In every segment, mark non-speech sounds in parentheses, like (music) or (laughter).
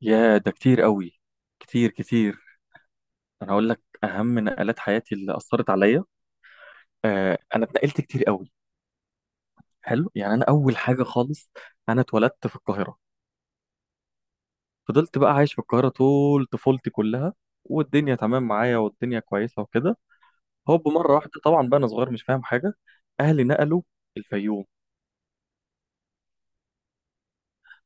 يا ده كتير قوي، كتير كتير. انا هقول لك اهم نقلات حياتي اللي اثرت عليا. آه، انا اتنقلت كتير قوي. حلو. يعني انا اول حاجه خالص، انا اتولدت في القاهره. فضلت بقى عايش في القاهره طول طفولتي كلها، والدنيا تمام معايا، والدنيا كويسه وكده. هوب، مره واحده، طبعا بقى انا صغير مش فاهم حاجه، اهلي نقلوا الفيوم.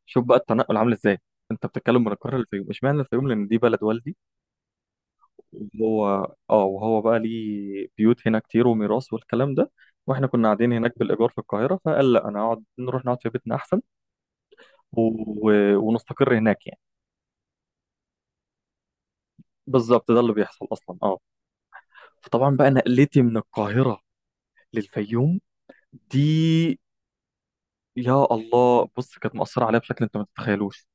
شوف بقى التنقل عامل ازاي. انت بتتكلم من القاهره للفيوم، اشمعنى الفيوم؟ لان دي بلد والدي. وهو بقى ليه بيوت هنا كتير وميراث والكلام ده، واحنا كنا قاعدين هناك بالايجار في القاهره، فقال لا، انا اقعد نروح نقعد في بيتنا احسن. و... و... ونستقر هناك يعني. بالظبط ده اللي بيحصل اصلا، اه. فطبعا بقى نقلتي من القاهره للفيوم دي، يا الله، بص، كانت مأثره عليا بشكل انت ما تتخيلوش.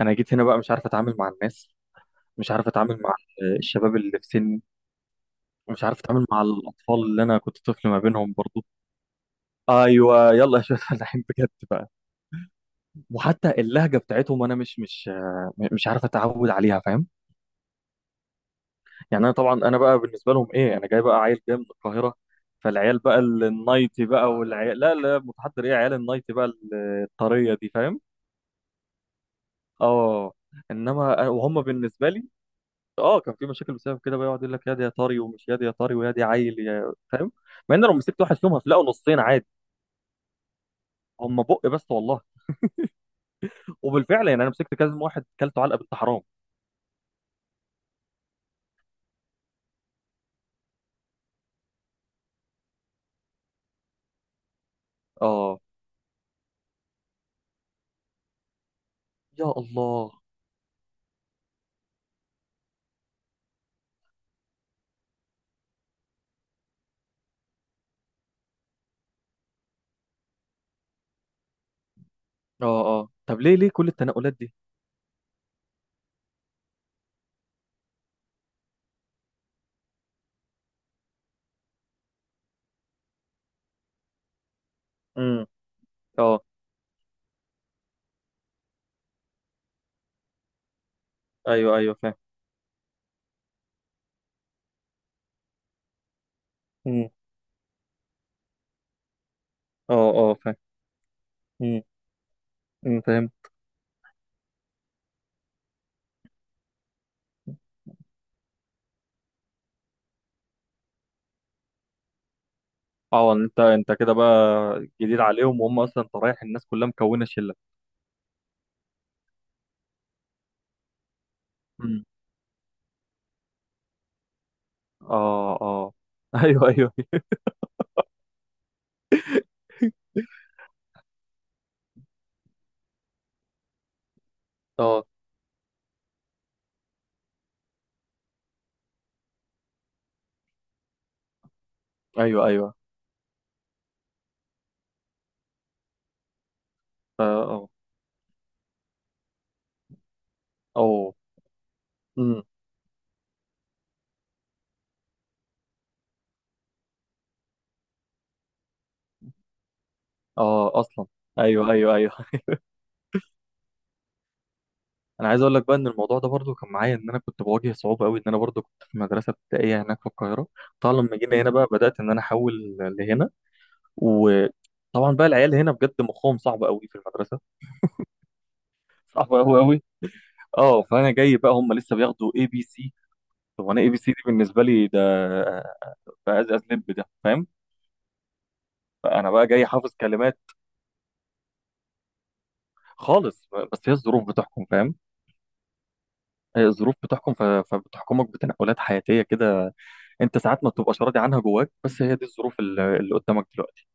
انا جيت هنا بقى مش عارف اتعامل مع الناس، مش عارف اتعامل مع الشباب اللي في سني، مش عارف اتعامل مع الاطفال اللي انا كنت طفل ما بينهم برضو. ايوه، يلا يا شباب (laughs) الحين بجد بقى. وحتى اللهجه بتاعتهم انا مش عارف اتعود عليها، فاهم؟ يعني انا طبعا، انا بقى بالنسبه لهم ايه؟ انا جاي بقى عيل جاي من القاهره. فالعيال بقى النايتي بقى، والعيال لا لا، متحضر، ايه، عيال النايتي بقى الطريه دي، فاهم؟ اه. انما وهم بالنسبه لي. اه، كان في مشاكل بسبب كده بقى، يقعد يقول لك يا دي يا طري، ومش يا دي يا طري، ويا دي عيل، يا، فاهم؟ مع ان لو مسكت واحد فيهم هتلاقوا نصين عادي. هم بق، بس والله، وبالفعل يعني انا مسكت كذا واحد كلته علقه بنت حرام. اه، يا الله. اه اه. طب ليه كل التنقلات دي؟ امم. اه. ايوه ايوه، فاهم. امم. اه اه، فاهم. امم. أمم، فاهم. اه، انت كده بقى جديد عليهم، وهم اصلا انت رايح الناس كلها مكونه شله. امم. اه اه (laughs) ايوه ايوه. اه. ايوه ايوه. اه اه. أوه. امم. اه اصلا. ايوه ايوه ايوه (laughs) انا عايز اقول لك بقى ان الموضوع ده برضو كان معايا، ان انا كنت بواجه صعوبه قوي، ان انا برضو كنت في مدرسه ابتدائيه هناك في القاهره. طبعا لما جينا هنا بقى بدات ان انا احول لهنا، وطبعا بقى العيال هنا بجد مخهم صعب قوي في المدرسه، صعب قوي قوي. اه، فانا جاي بقى هم لسه بياخدوا ABC. طب انا ABC دي بالنسبه لي ده بقى از لب ده، فاهم؟ فانا بقى جاي حافظ كلمات. خالص، بس هي الظروف بتحكم، فاهم. هي الظروف بتحكم، فبتحكمك بتنقلات حياتيه كده، انت ساعات ما بتبقاش راضي عنها جواك، بس هي دي الظروف اللي قدامك دلوقتي.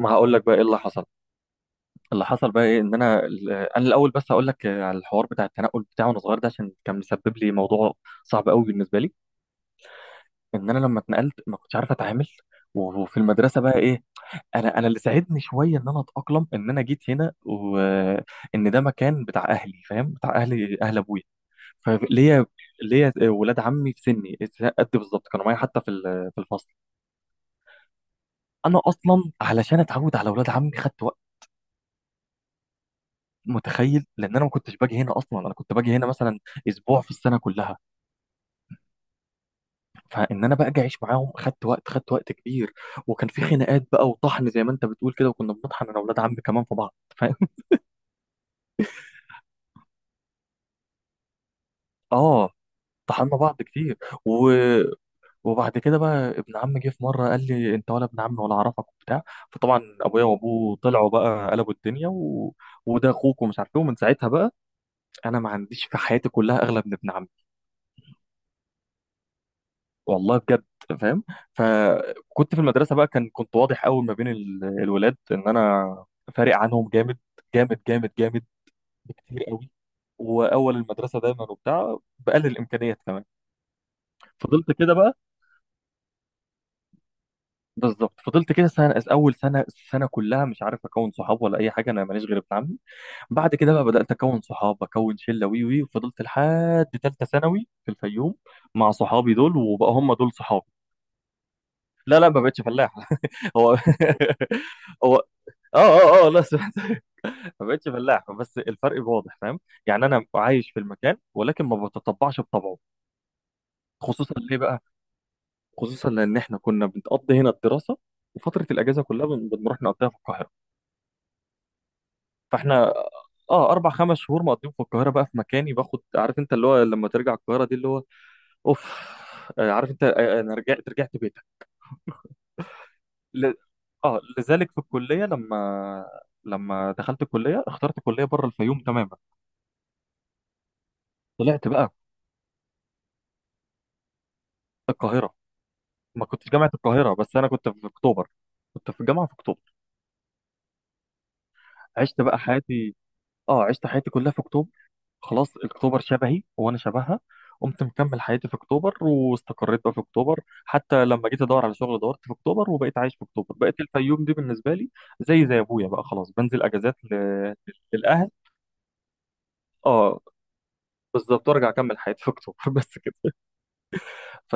ما هقول لك بقى ايه اللي حصل. اللي حصل بقى ايه، ان انا الاول بس اقول لك على الحوار بتاع التنقل بتاعي وانا صغير ده، عشان كان مسبب لي موضوع صعب قوي بالنسبه لي. ان انا لما اتنقلت ما كنتش عارف اتعامل، وفي المدرسه بقى ايه. انا اللي ساعدني شويه ان انا اتاقلم ان انا جيت هنا، وان ده مكان بتاع اهلي، فاهم؟ بتاع اهلي، اهل ابويا. فليا ليا ولاد عمي في سني قد بالظبط، كانوا معايا حتى في الفصل. انا اصلا علشان اتعود على ولاد عمي خدت، متخيل؟ لان انا ما كنتش باجي هنا اصلا، انا كنت باجي هنا مثلا اسبوع في السنه كلها، فان انا بقى اجي اعيش معاهم خدت وقت، خدت وقت كبير. وكان في خناقات بقى وطحن زي ما انت بتقول كده، وكنا بنطحن انا واولاد عمي كمان في بعض (laughs) فاهم. اه، طحنا بعض كتير. و... وبعد كده بقى ابن عمي جه في مره قال لي انت ولا ابن عمي ولا اعرفك وبتاع. فطبعا ابويا وابوه طلعوا بقى قلبوا الدنيا وده اخوك ومش عارف ايه، ومن ساعتها بقى انا ما عنديش في حياتي كلها اغلى من ابن عمي، والله بجد، فاهم. فكنت في المدرسه بقى، كنت واضح قوي ما بين الولاد ان انا فارق عنهم جامد، جامد جامد جامد، بكتير قوي. واول المدرسه دايما وبتاع بقلل الامكانيات كمان. فضلت كده بقى. بالظبط، فضلت كده سنه، اول سنه، السنه كلها مش عارف اكون صحاب ولا اي حاجه، انا ماليش غير ابن عمي. بعد كده بقى بدات اكون صحاب، اكون شله، وي وي، وفضلت لحد ثالثه ثانوي في الفيوم مع صحابي دول، وبقى هم دول صحابي. لا لا، ما بقتش فلاح (laughs) هو (laughs) هو. اه اه اه، لا سمعت (laughs) ما بقتش فلاح، بس الفرق واضح، فاهم؟ يعني انا عايش في المكان ولكن ما بتطبعش بطبعه، خصوصا ليه بقى، خصوصا لان احنا كنا بنقضي هنا الدراسه، وفتره الاجازه كلها بنروح نقضيها في القاهره. فاحنا اه اربع خمس شهور مقضيهم في القاهره بقى في مكاني، باخد، عارف انت اللي هو لما ترجع القاهره دي اللي هو، اوف. عارف انت، انا رجعت بيتك. ل... اه لذلك في الكليه لما دخلت الكليه اخترت كليه بره الفيوم تماما. طلعت بقى القاهره. ما كنتش جامعه القاهره، بس انا كنت في اكتوبر، كنت في الجامعه في اكتوبر. عشت بقى حياتي، اه عشت حياتي كلها في اكتوبر، خلاص، اكتوبر شبهي وانا شبهها. قمت مكمل حياتي في اكتوبر، واستقريت بقى في اكتوبر، حتى لما جيت ادور على شغل دورت في اكتوبر، وبقيت عايش في اكتوبر، بقيت الفيوم دي بالنسبه لي زي ابويا بقى، خلاص، بنزل اجازات للاهل. اه، بالظبط، وارجع اكمل حياتي في اكتوبر (laughs) بس كده. ف...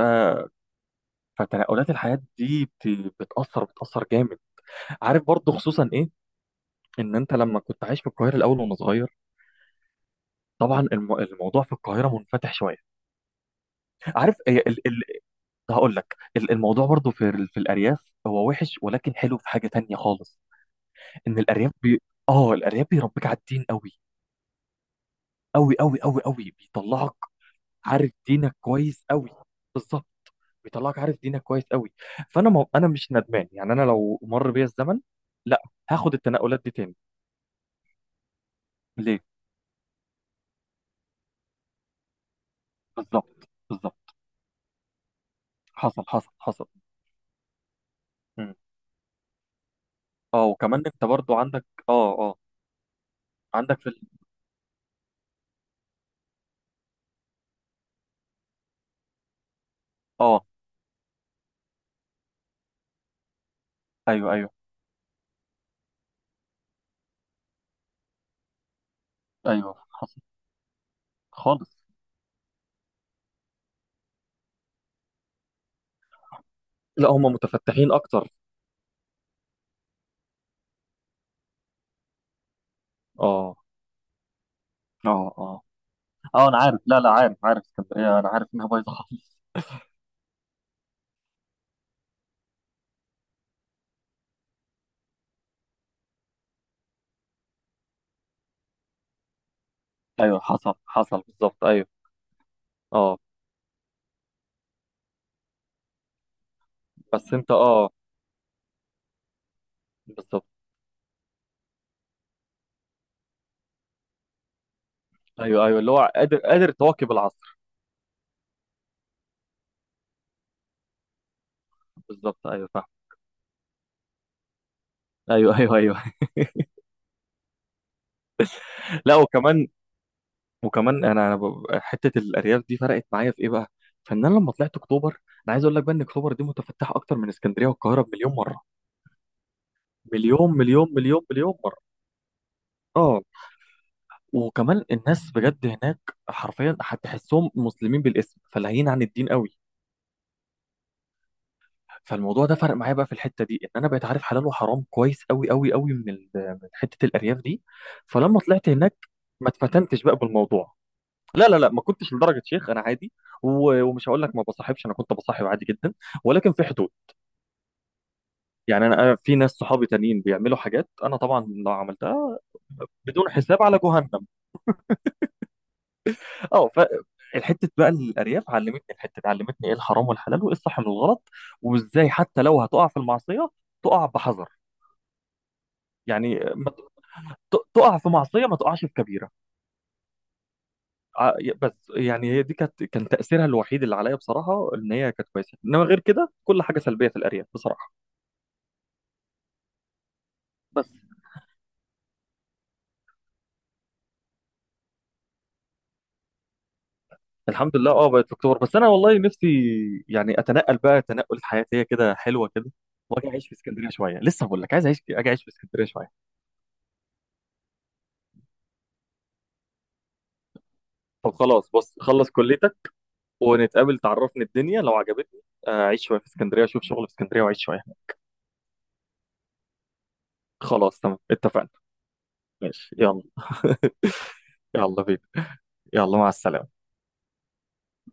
فتنقلات الحياه دي بت... بتاثر بتاثر جامد. عارف برضو خصوصا ايه؟ ان انت لما كنت عايش في القاهره الاول وانا صغير، طبعا الموضوع في القاهره منفتح شويه. عارف إيه هقول لك الموضوع برضو في الارياف هو وحش، ولكن حلو في حاجه تانية خالص. ان الارياف بي... اه الارياف بيربيك على الدين قوي، قوي قوي قوي قوي، بيطلعك عارف دينك كويس قوي. بالظبط، بيطلعك عارف دينك كويس قوي. فانا، ما انا مش ندمان، يعني انا لو مر بيا الزمن لا، هاخد التنقلات دي تاني. ليه؟ بالظبط بالظبط. حصل حصل حصل. مم. اه، وكمان انت برضو عندك اه اه. عندك في ال... اه ايوه ايوه ايوه، حصل. خالص. لا، هم متفتحين اكتر. اه اه اه اه، انا عارف، لا لا، عارف اسكندريه، انا عارف انها بايظه خالص. ايوه، حصل حصل، بالظبط، ايوه. اه، بس انت اه، بالظبط، ايوه ايوه، اللي هو قادر، قادر تواكب العصر. بالظبط، ايوه فاهم. ايوه ايوه ايوه (laughs) لا، وكمان انا حته الارياف دي فرقت معايا في ايه بقى؟ فان انا لما طلعت اكتوبر، انا عايز اقول لك بقى ان اكتوبر دي متفتحه اكتر من اسكندريه والقاهره بمليون مره، مليون مليون مليون مليون مره. اه، وكمان الناس بجد هناك حرفيا هتحسهم مسلمين بالاسم، فلاهيين عن الدين قوي. فالموضوع ده فرق معايا بقى في الحته دي، ان انا بقيت عارف حلال وحرام كويس قوي قوي قوي، من من حته الارياف دي. فلما طلعت هناك ما اتفتنتش بقى بالموضوع. لا لا لا، ما كنتش لدرجه شيخ، انا عادي، ومش هقول لك ما بصاحبش، انا كنت بصاحب عادي جدا، ولكن في حدود. يعني انا في ناس صحابي تانيين بيعملوا حاجات انا طبعا لو عملتها بدون حساب على جهنم. اه. فالحته بقى، الارياف علمتني، الحته دي علمتني ايه الحرام والحلال، وايه الصح من الغلط، وازاي حتى لو هتقع في المعصيه تقع بحذر. يعني ما تقع في معصيه ما تقعش في كبيره. ع- بس يعني هي دي كان تاثيرها الوحيد اللي عليا بصراحه، ان هي كانت كويسه، انما غير كده كل حاجه سلبيه في الارياف بصراحه. بس، الحمد لله، بقت في اكتوبر. بس انا والله نفسي يعني اتنقل بقى تنقل حياتيه كده حلوه كده، واجي اعيش في اسكندريه شويه. لسه بقول لك، عايز اجي اعيش في اسكندريه شويه. طب خلاص، بص، خلص كليتك، ونتقابل، تعرفني الدنيا لو عجبتني، آه، اعيش شويه في اسكندريه، اشوف شغل في اسكندريه، واعيش شويه هناك. خلاص، تمام، اتفقنا. ماشي، يلا (laughs) يلا بينا. يلا، مع السلامه.